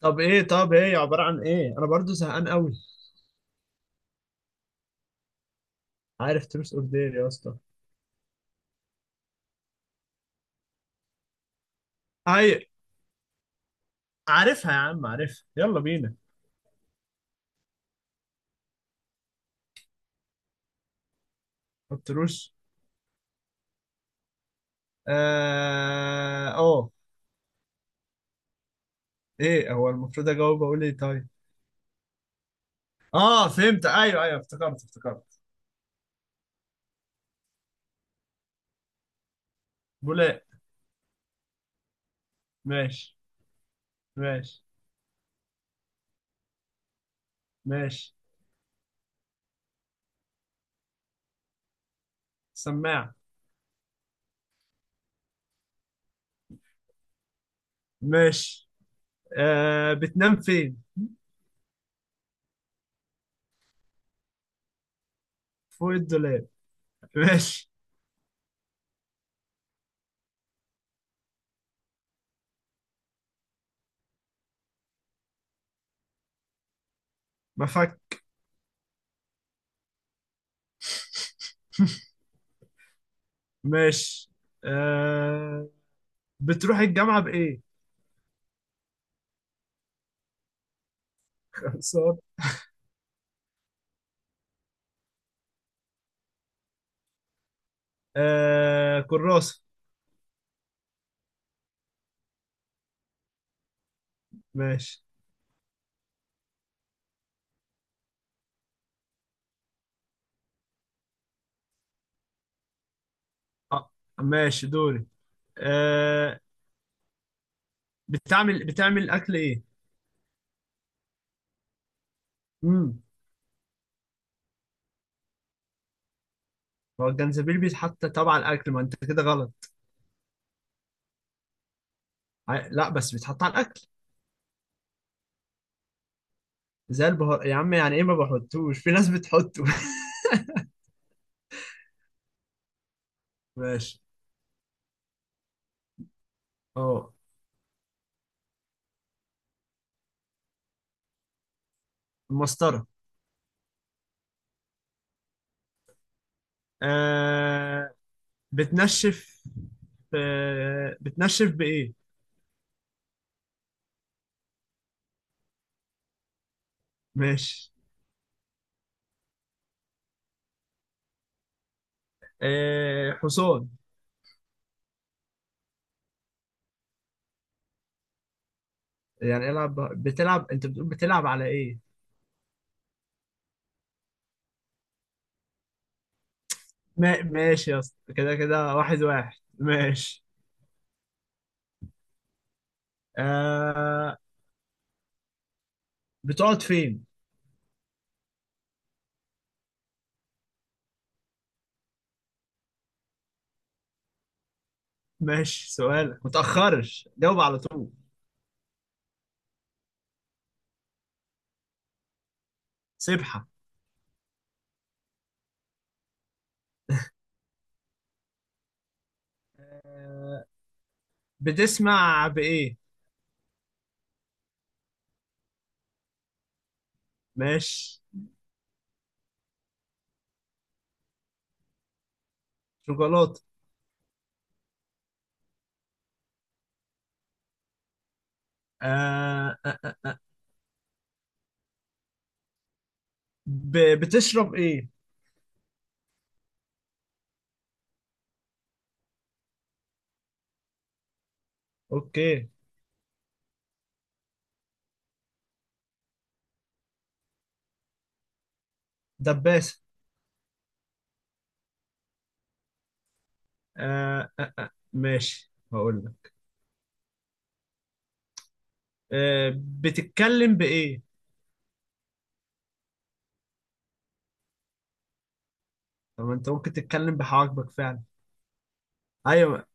طب ايه عبارة عن ايه؟ انا برضو زهقان قوي. عارف تروس اوف دير يا اسطى؟ هاي. عارفها يا عم، عارفها، يلا بينا. ما تروش. اه أوه. ايه هو المفروض اجاوب اقول ايه طيب؟ اه فهمت، ايوه ايوه، افتكرت افتكرت. بولاق. ماشي. ماشي. ماشي. سماعة. ماشي. آه، بتنام فين؟ فوق الدولاب. ماشي. مفك. ماشي. آه، بتروح الجامعة بإيه؟ صار. آه، كراسة. ماشي. آه. ماشي دوري. آه. بتعمل اكل ايه؟ امم هو الجنزبيل بيتحط طبعا على الاكل، ما انت كده غلط. لا بس بيتحط على الاكل. زي البهار يا عم، يعني ايه ما بحطوش، في ناس بتحطه. ماشي. اه، المسطره. آه. بتنشف بتنشف بايه؟ ماشي. آه. حصان. يعني بتلعب، انت بتقول بتلعب على ايه؟ ما... ماشي يا اسطى، كده كده، واحد واحد، ماشي. آه، بتقعد فين؟ ماشي، سؤالك متأخرش، جاوب على طول. سبحة. بتسمع بإيه؟ ماشي. شوكولاتة. آه آه آه. بتشرب إيه؟ أوكي. دباسة. آه آه آه. ماشي، هقول لك. آه، بتتكلم بإيه؟ طب ما أنت ممكن تتكلم بحواجبك فعلا. أيوه.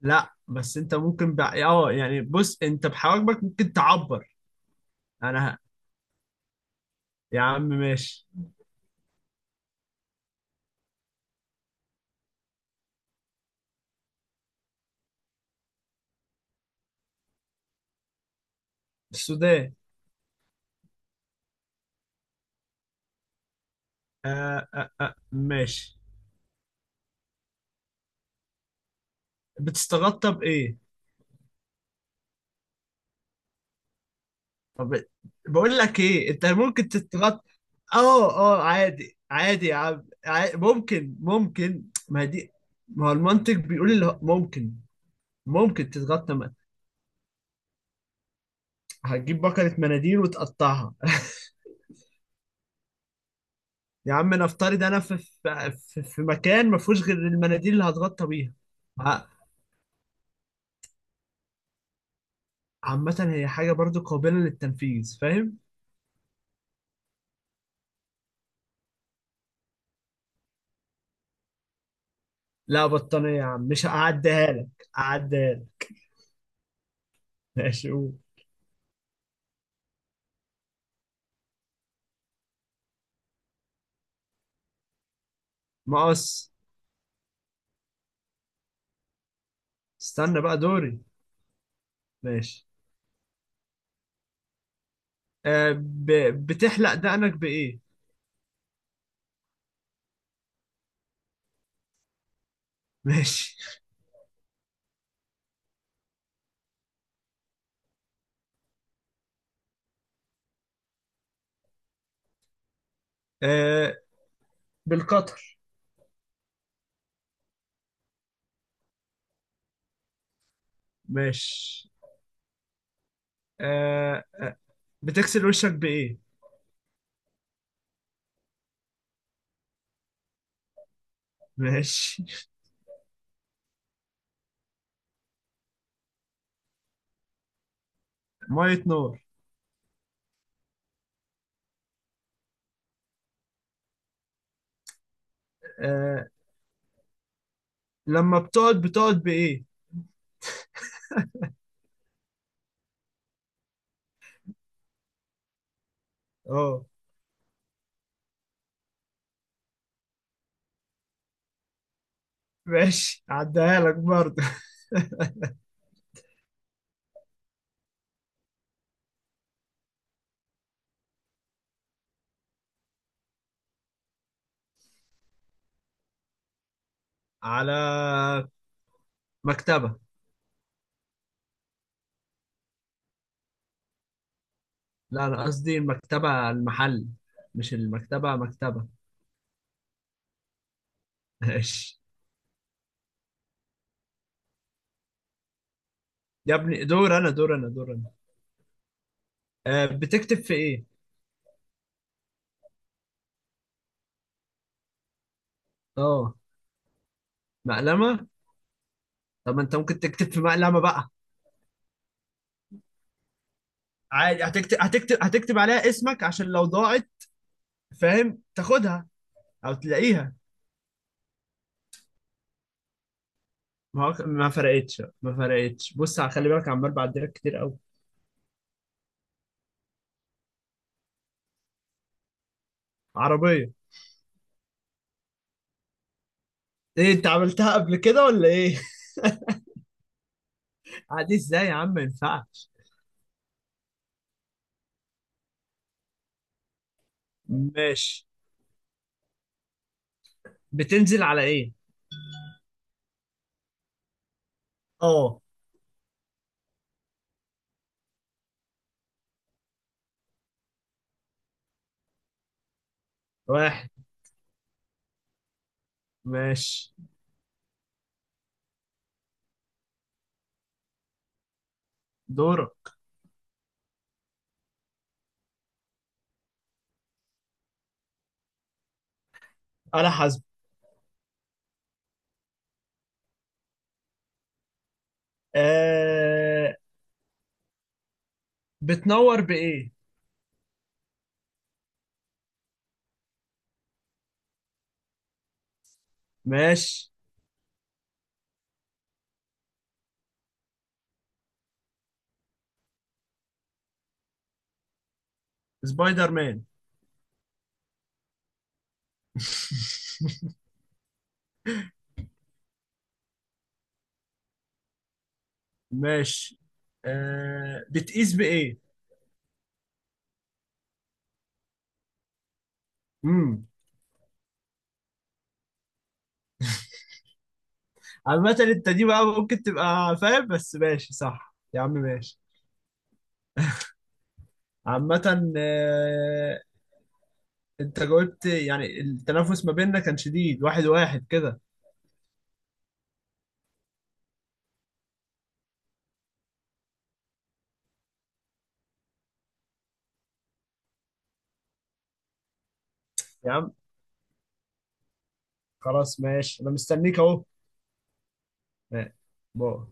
لا بس أنت ممكن ب... أه يعني بص، أنت بحواجبك ممكن تعبر. أنا ه- يا عم ماشي. السودان. آه آه آه ماشي. بتستغطى بإيه؟ طب بقول لك إيه، أنت ممكن تتغطى. آه آه، عادي عادي يا عم عادي. ممكن ممكن، ما هي دي. ما هو المنطق بيقول ممكن. ممكن تتغطى ما. هتجيب بكرة مناديل وتقطعها يا عم نفترض أنا في مكان ما فيهوش غير المناديل اللي هتغطى بيها. ع- عامة هي حاجة برضو قابلة للتنفيذ، فاهم؟ لا بطانية يا عم، مش هعديها لك. هعديها لك. ماشي قول. مقص. استنى بقى دوري. ماشي. آه ب... بتحلق دقنك بإيه؟ ماشي. آه، بالقطر. ماشي. آه آه، بتغسل وشك بإيه؟ ماشي مية نور. آه، لما بتقعد بإيه؟ اه. ماشي، عديها لك برضه. على مكتبة. لا أنا قصدي المكتبة المحل، مش المكتبة مكتبة. ماشي. يا ابني دور أنا، دور أنا، دور أنا. آه، بتكتب في إيه؟ اه. مقلمة. طب ما انت ممكن تكتب في مقلمة بقى. عادي، هتكتب هتكتب هتكتب عليها اسمك عشان لو ضاعت، فاهم، تاخدها او تلاقيها. ما فرقتش ما فرقتش، خلي بالك، عمال بعدلك كتير قوي. عربية. ايه انت عملتها قبل كده ولا ايه؟ عادي ازاي يا عم، ما ينفعش. ماشي. بتنزل على ايه؟ اه. واحد. ماشي. دورة. على حسب. آه. بتنور بايه؟ ماشي. سبايدر مان. ماشي. آه، بتقيس بايه؟ امم. عامة انت دي بقى ممكن تبقى فاهم، بس ماشي صح يا عم ماشي. عامة آه، انت جاوبت، يعني التنافس ما بيننا كان شديد، واحد واحد كده. يا عم خلاص ماشي، انا مستنيك اهو. آه، بقى.